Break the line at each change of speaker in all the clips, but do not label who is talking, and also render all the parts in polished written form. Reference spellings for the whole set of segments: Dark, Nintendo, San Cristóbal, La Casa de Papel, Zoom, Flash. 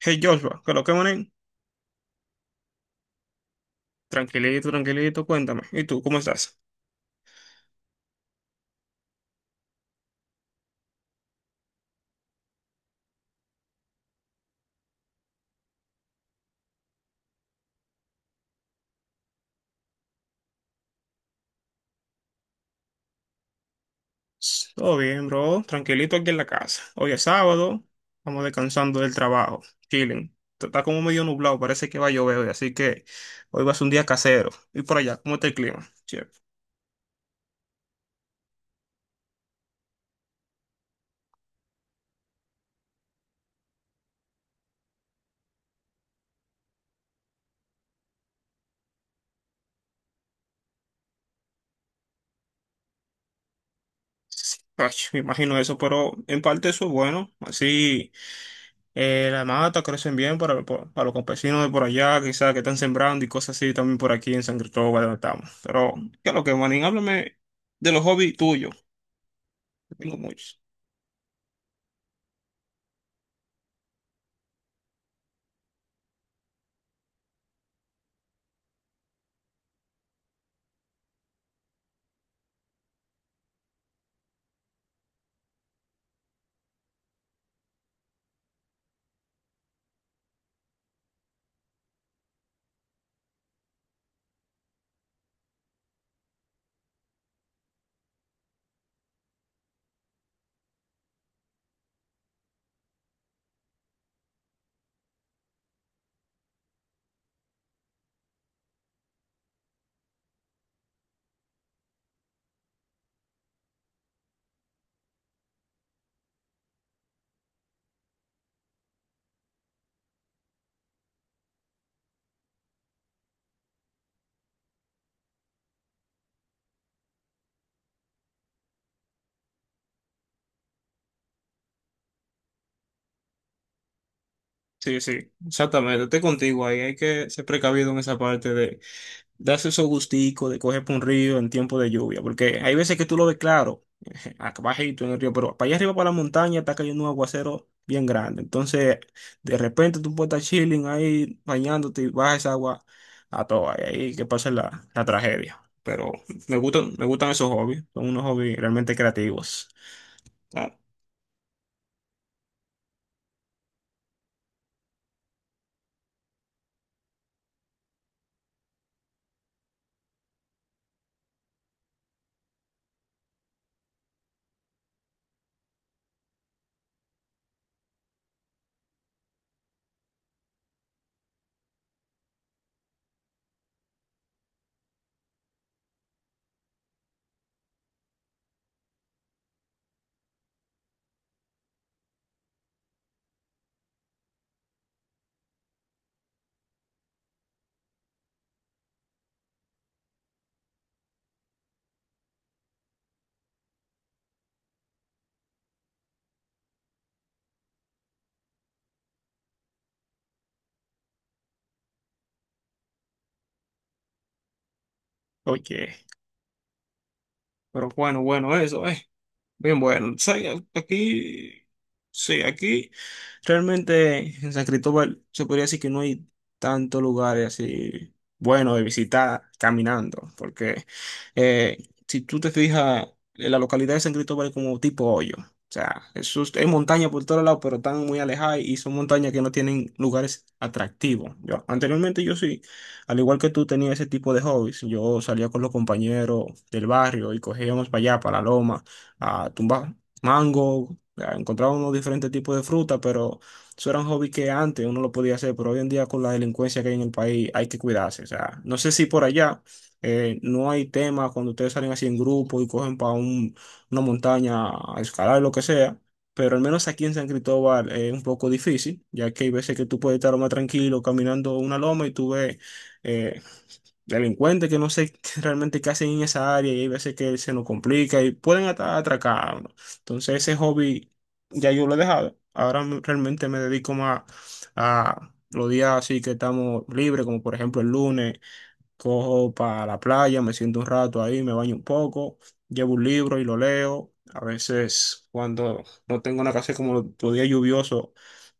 Hey Joshua, ¿qué es lo que manín? Tranquilito, tranquilito, cuéntame. ¿Y tú, cómo estás? Todo bien, bro. Tranquilito aquí en la casa. Hoy es sábado, vamos descansando del trabajo, chilling. Está como medio nublado, parece que va a llover hoy, así que hoy va a ser un día casero. Y por allá, ¿cómo está el clima? Che, sí, ay, me imagino eso, pero en parte eso es bueno. Así. La mata crecen bien para, para los campesinos de por allá, quizás que están sembrando y cosas así también por aquí en San Cristóbal donde estamos. Pero, ¿qué es lo que, Manín? Háblame de los hobbies tuyos. Tengo muchos. Sí, sí, exactamente. Estoy contigo ahí. Hay que ser precavido en esa parte de, darse esos gusticos de coger por un río en tiempo de lluvia, porque hay veces que tú lo ves claro, acá bajito en el río, pero para allá arriba, para la montaña, está cayendo un aguacero bien grande. Entonces, de repente tú puedes estar chilling ahí, bañándote y baja esa agua a toa, y ahí que pasa la tragedia. Pero me gustan esos hobbies, son unos hobbies realmente creativos. Ah, oye, pero bueno, bueno, eso, Bien, bueno, ¿sabes? Aquí, sí, aquí realmente en San Cristóbal se podría decir que no hay tantos lugares así buenos de visitar caminando, porque eh, si tú te fijas, en la localidad de San Cristóbal es como tipo hoyo. O sea, eso es, hay montaña por todos lados, pero están muy alejadas y son montañas que no tienen lugares atractivos. Yo, anteriormente yo sí, al igual que tú tenía ese tipo de hobbies, yo salía con los compañeros del barrio y cogíamos para allá, para la loma a tumbar mango, a encontrar unos diferentes tipos de fruta, pero eso era un hobby que antes uno lo podía hacer, pero hoy en día con la delincuencia que hay en el país hay que cuidarse. O sea, no sé si por allá no hay tema cuando ustedes salen así en grupo y cogen para una montaña a escalar, lo que sea. Pero al menos aquí en San Cristóbal es un poco difícil, ya que hay veces que tú puedes estar más tranquilo caminando una loma y tú ves eh, delincuentes que no sé realmente qué hacen en esa área y hay veces que se nos complica y pueden hasta atracar a uno. Entonces ese hobby ya yo lo he dejado. Realmente me dedico más a los días así que estamos libres, como por ejemplo el lunes, cojo para la playa, me siento un rato ahí, me baño un poco, llevo un libro y lo leo. A veces cuando no tengo una casa como los días lluviosos,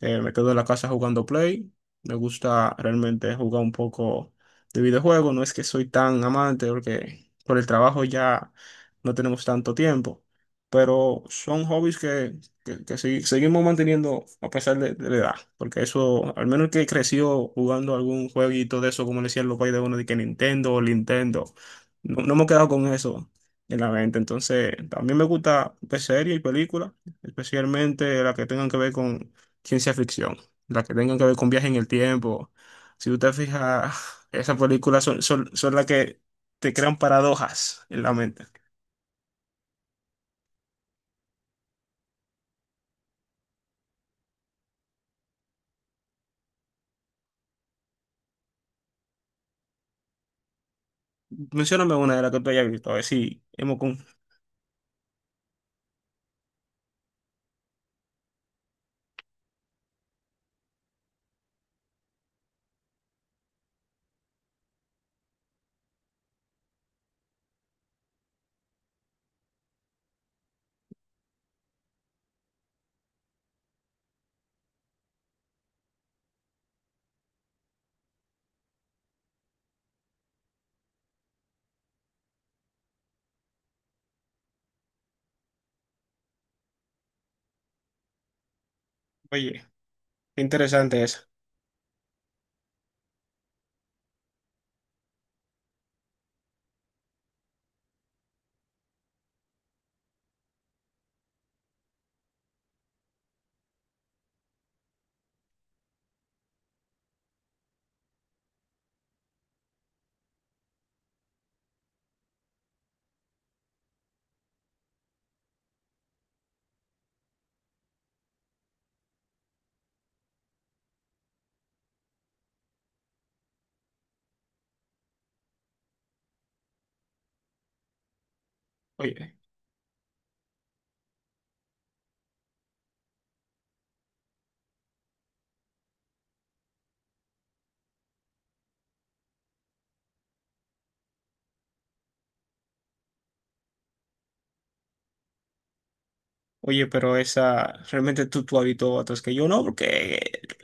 me quedo en la casa jugando Play. Me gusta realmente jugar un poco de videojuego. No es que soy tan amante porque por el trabajo ya no tenemos tanto tiempo, pero son hobbies que seguimos manteniendo a pesar de la edad, porque eso, al menos el que creció jugando algún jueguito de eso, como le decían los países de uno, de que Nintendo, o Nintendo, no, no hemos quedado con eso en la mente. Entonces, también me gusta ver series y películas, especialmente las que tengan que ver con ciencia ficción, las que tengan que ver con viaje en el tiempo. Si usted fija, esas películas son, son, son las que te crean paradojas en la mente. Mencióname una de las que tú hayas visto, a ver si hemos... Oye. Qué interesante esa. Oye, oye, pero esa realmente tú, tú habitó otras que yo no, porque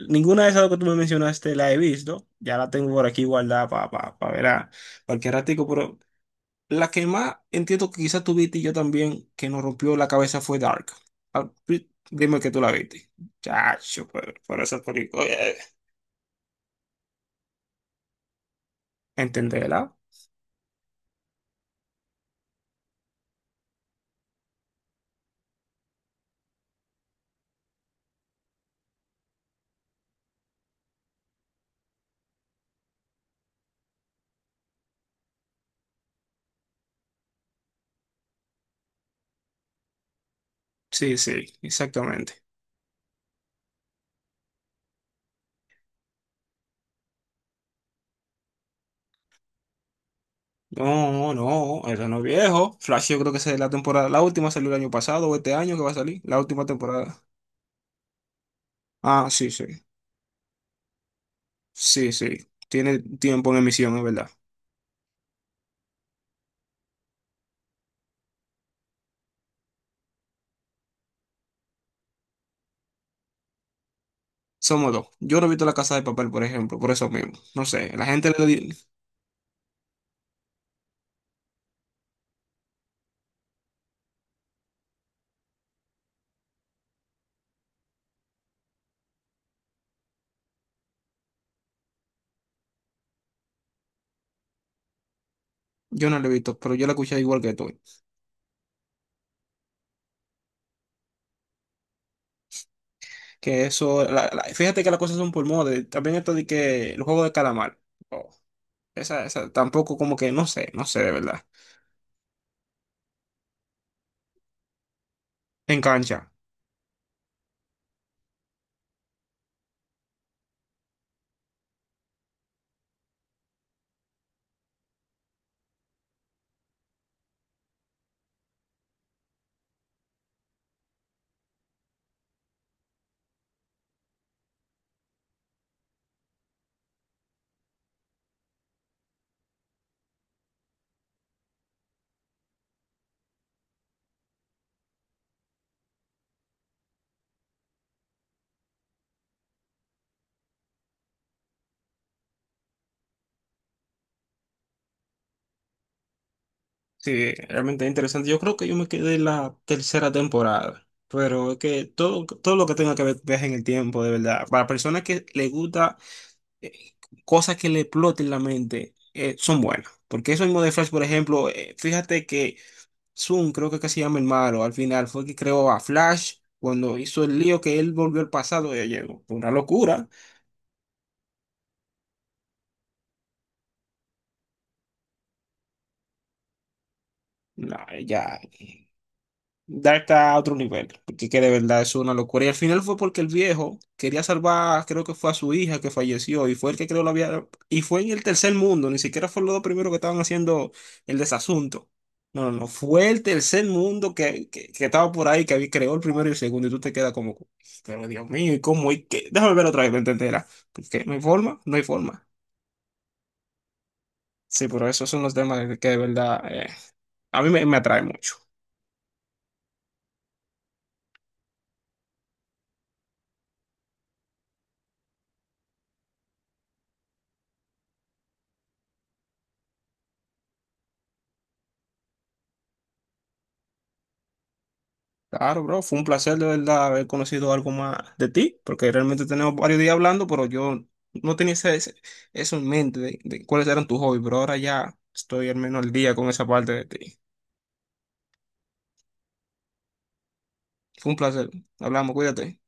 ninguna de esas que tú me mencionaste la he visto. Ya la tengo por aquí guardada para pa, pa pa ver a cualquier ratico, pero la que más entiendo que quizás tú viste y yo también, que nos rompió la cabeza fue Dark. Ah, dime que tú la viste. Chacho, pero por esa película. ¿Entenderá? Sí, sí, exactamente. No, no, eso no es viejo. Flash, yo creo que esa es la temporada. La última salió el año pasado o este año que va a salir. La última temporada. Ah, sí, sí. Sí, sí. Tiene tiempo en emisión, es verdad. Somos dos. Yo no he visto La Casa de Papel, por ejemplo, por eso mismo. No sé, la gente yo no la he visto, pero yo la escuché igual que tú. Que eso, fíjate que las cosas son por moda. También esto de que el juego de calamar. Oh, esa tampoco como que no sé, no sé de verdad. Engancha. Sí, realmente interesante. Yo creo que yo me quedé en la tercera temporada. Pero es que todo, todo lo que tenga que ver viaje en el tiempo, de verdad. Para personas que les gusta eh, cosas que le exploten la mente, son buenas. Porque eso mismo de Flash, por ejemplo, fíjate que Zoom, creo que se llama el malo, al final fue el que creó a Flash cuando hizo el lío que él volvió al pasado, ya llegó. Fue una locura. No, ya. Dark está a otro nivel, porque que de verdad es una locura. Y al final fue porque el viejo quería salvar, creo que fue a su hija que falleció, y fue el que creo la había, y fue en el tercer mundo, ni siquiera fue los dos primeros que estaban haciendo el desasunto. No, no, no, fue el tercer mundo que estaba por ahí, que había creó el primero y el segundo, y tú te quedas como, pero Dios mío, ¿y cómo? ¿Y qué? Déjame ver otra vez, ¿me entenderás? Porque no hay forma, no hay forma. Sí, pero esos son los temas que de verdad a mí me, me atrae mucho. Claro, bro, fue un placer de verdad haber conocido algo más de ti, porque realmente tenemos varios días hablando, pero yo no tenía eso en mente de cuáles eran tus hobbies, pero ahora ya estoy al menos al día con esa parte de ti. Fue un placer. Hablamos, cuídate.